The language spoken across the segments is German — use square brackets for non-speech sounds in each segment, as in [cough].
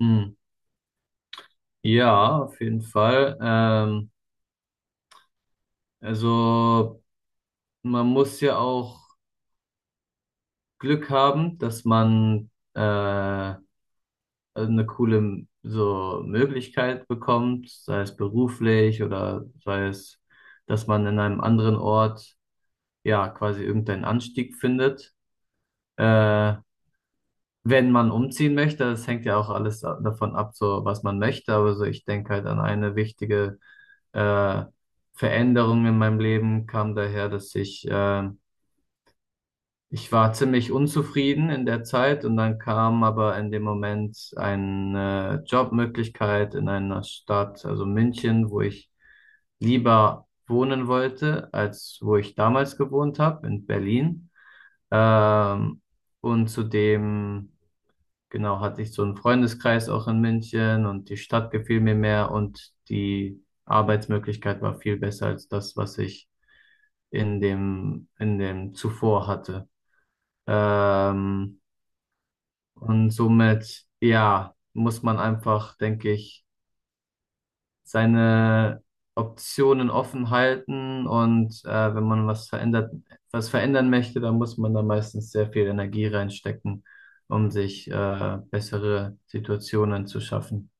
Hm. Ja, auf jeden Fall. Also man muss ja auch Glück haben, dass man eine coole so Möglichkeit bekommt, sei es beruflich oder sei es, dass man in einem anderen Ort ja quasi irgendeinen Anstieg findet. Äh, Wenn man umziehen möchte, das hängt ja auch alles davon ab, so was man möchte, aber so ich denke halt an eine wichtige äh, Veränderung in meinem Leben kam daher, dass ich war ziemlich unzufrieden in der Zeit und dann kam aber in dem Moment eine Jobmöglichkeit in einer Stadt, also München, wo ich lieber wohnen wollte, als wo ich damals gewohnt habe, in Berlin. Ähm, und zudem, genau, hatte ich so einen Freundeskreis auch in München und die Stadt gefiel mir mehr und die Arbeitsmöglichkeit war viel besser als das, was ich in dem zuvor hatte. Ähm, und somit, ja, muss man einfach, denke ich, seine Optionen offen halten und wenn man was verändern möchte, dann muss man da meistens sehr viel Energie reinstecken, um sich bessere Situationen zu schaffen.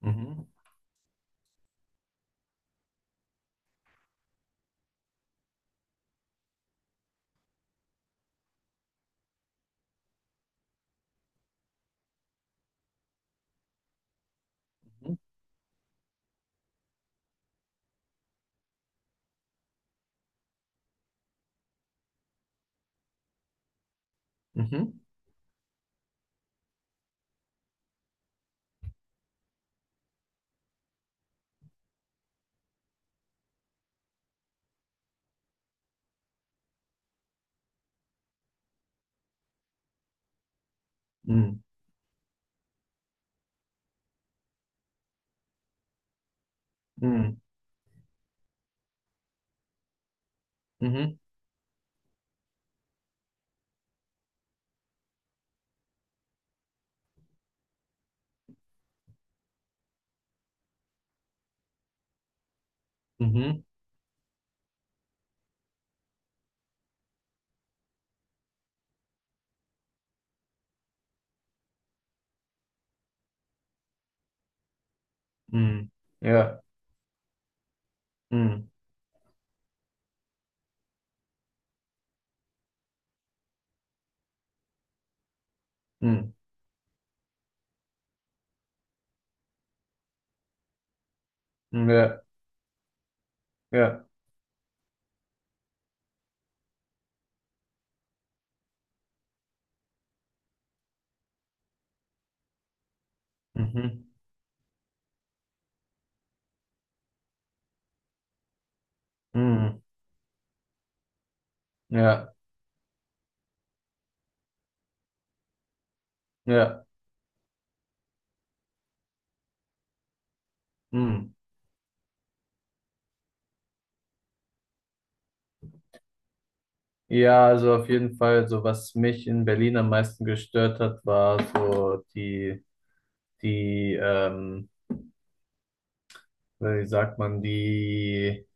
Mhm. Mhm. Mhm. Mhm. Mhm. Mhm. Mhm. Ja. Mhm. Mhm. Ja. Ja. Mhm. Mhm. Ja. Ja. Mhm. Ja, also auf jeden Fall, so was mich in Berlin am meisten gestört hat, war so die, ähm, wie sagt man,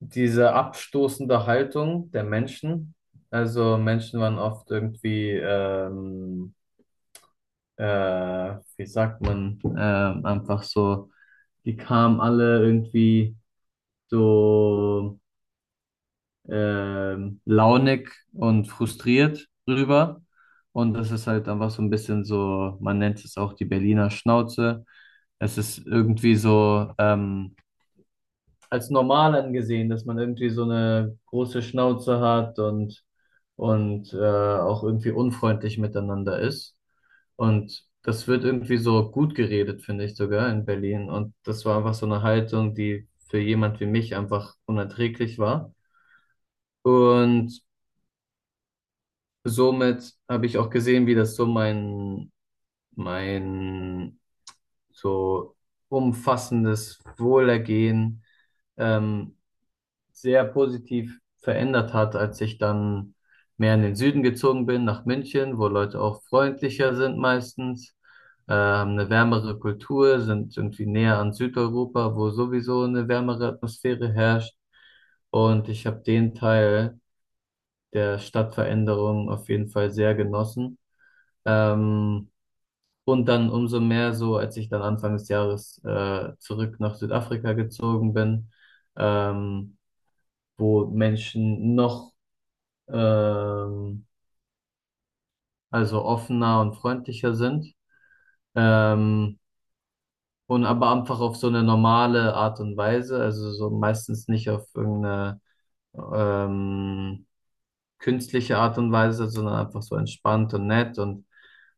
diese abstoßende Haltung der Menschen. Also Menschen waren oft irgendwie, wie sagt man, einfach so, die kamen alle irgendwie so launig und frustriert rüber. Und das ist halt einfach so ein bisschen so, man nennt es auch die Berliner Schnauze. Es ist irgendwie so, als normal angesehen, dass man irgendwie so eine große Schnauze hat und, und auch irgendwie unfreundlich miteinander ist. Und das wird irgendwie so gut geredet, finde ich sogar in Berlin. Und das war einfach so eine Haltung, die für jemand wie mich einfach unerträglich war. Und somit habe ich auch gesehen, wie das so mein so umfassendes Wohlergehen ähm, sehr positiv verändert hat, als ich dann mehr in den Süden gezogen bin, nach München, wo Leute auch freundlicher sind meistens, haben eine wärmere Kultur, sind irgendwie näher an Südeuropa, wo sowieso eine wärmere Atmosphäre herrscht. Und ich habe den Teil der Stadtveränderung auf jeden Fall sehr genossen. Ähm, und dann umso mehr so, als ich dann Anfang des Jahres zurück nach Südafrika gezogen bin, ähm, wo Menschen noch ähm, also offener und freundlicher sind. Ähm, und aber einfach auf so eine normale Art und Weise, also so meistens nicht auf irgendeine ähm, künstliche Art und Weise, sondern einfach so entspannt und nett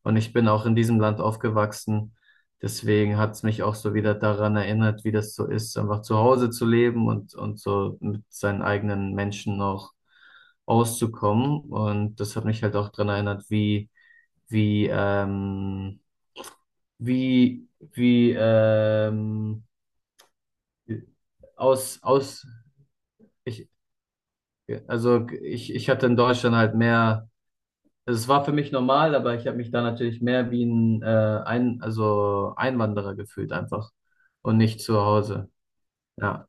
und ich bin auch in diesem Land aufgewachsen. Deswegen hat es mich auch so wieder daran erinnert, wie das so ist, einfach zu Hause zu leben und so mit seinen eigenen Menschen auch auszukommen. Und das hat mich halt auch daran erinnert, wie, wie, wie, wie, aus, aus, ich, also ich hatte in Deutschland halt mehr. Es war für mich normal, aber ich habe mich da natürlich mehr wie ein also Einwanderer gefühlt einfach und nicht zu Hause. Ja,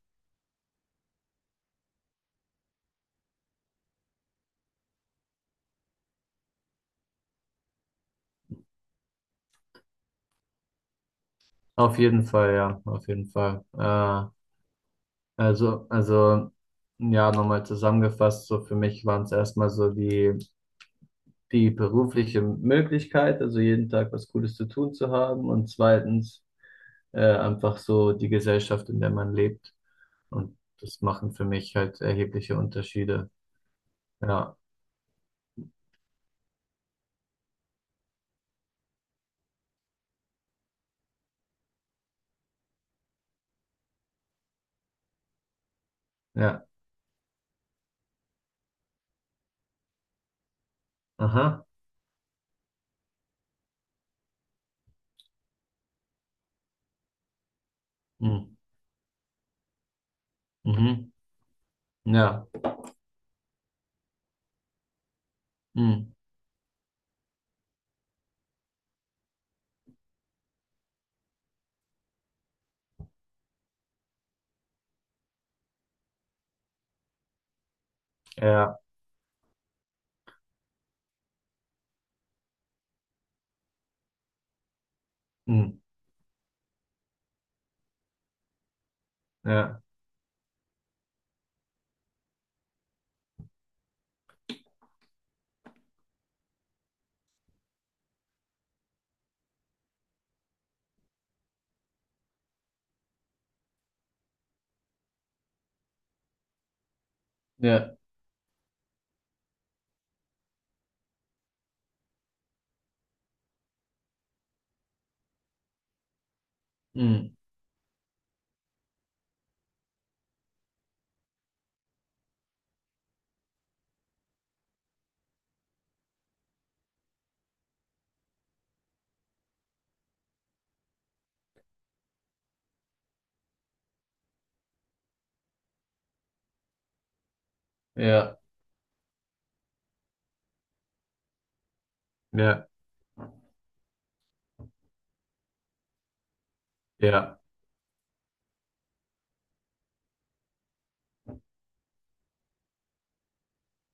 ja, auf jeden Fall. Also ja, nochmal zusammengefasst, so für mich waren es erstmal so die berufliche Möglichkeit, also jeden Tag was Cooles zu tun zu haben und zweitens einfach so die Gesellschaft, in der man lebt. Und das machen für mich halt erhebliche Unterschiede. Ja, ja, aha. Mhm. Mhm. Ja. Mhm. Ja. Mhm. Ja. Ja. Mhm. Ja. Ja. Ja.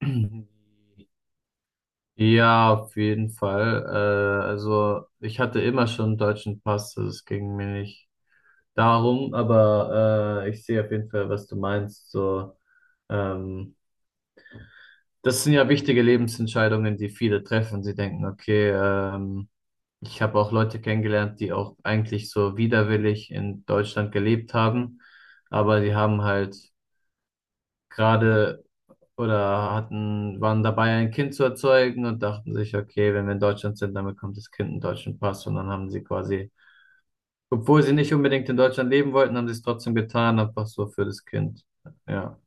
[clears throat] Ja, auf jeden Fall. Also ich hatte immer schon einen deutschen Pass, also es ging mir nicht darum, aber ich sehe auf jeden Fall, was du meinst. So, ähm, das sind ja wichtige Lebensentscheidungen, die viele treffen. Sie denken, okay, ich habe auch Leute kennengelernt, die auch eigentlich so widerwillig in Deutschland gelebt haben, aber die haben halt gerade waren dabei, ein Kind zu erzeugen und dachten sich, okay, wenn wir in Deutschland sind, dann bekommt das Kind einen deutschen Pass und dann haben sie quasi, obwohl sie nicht unbedingt in Deutschland leben wollten, haben sie es trotzdem getan, einfach so für das Kind. Ja.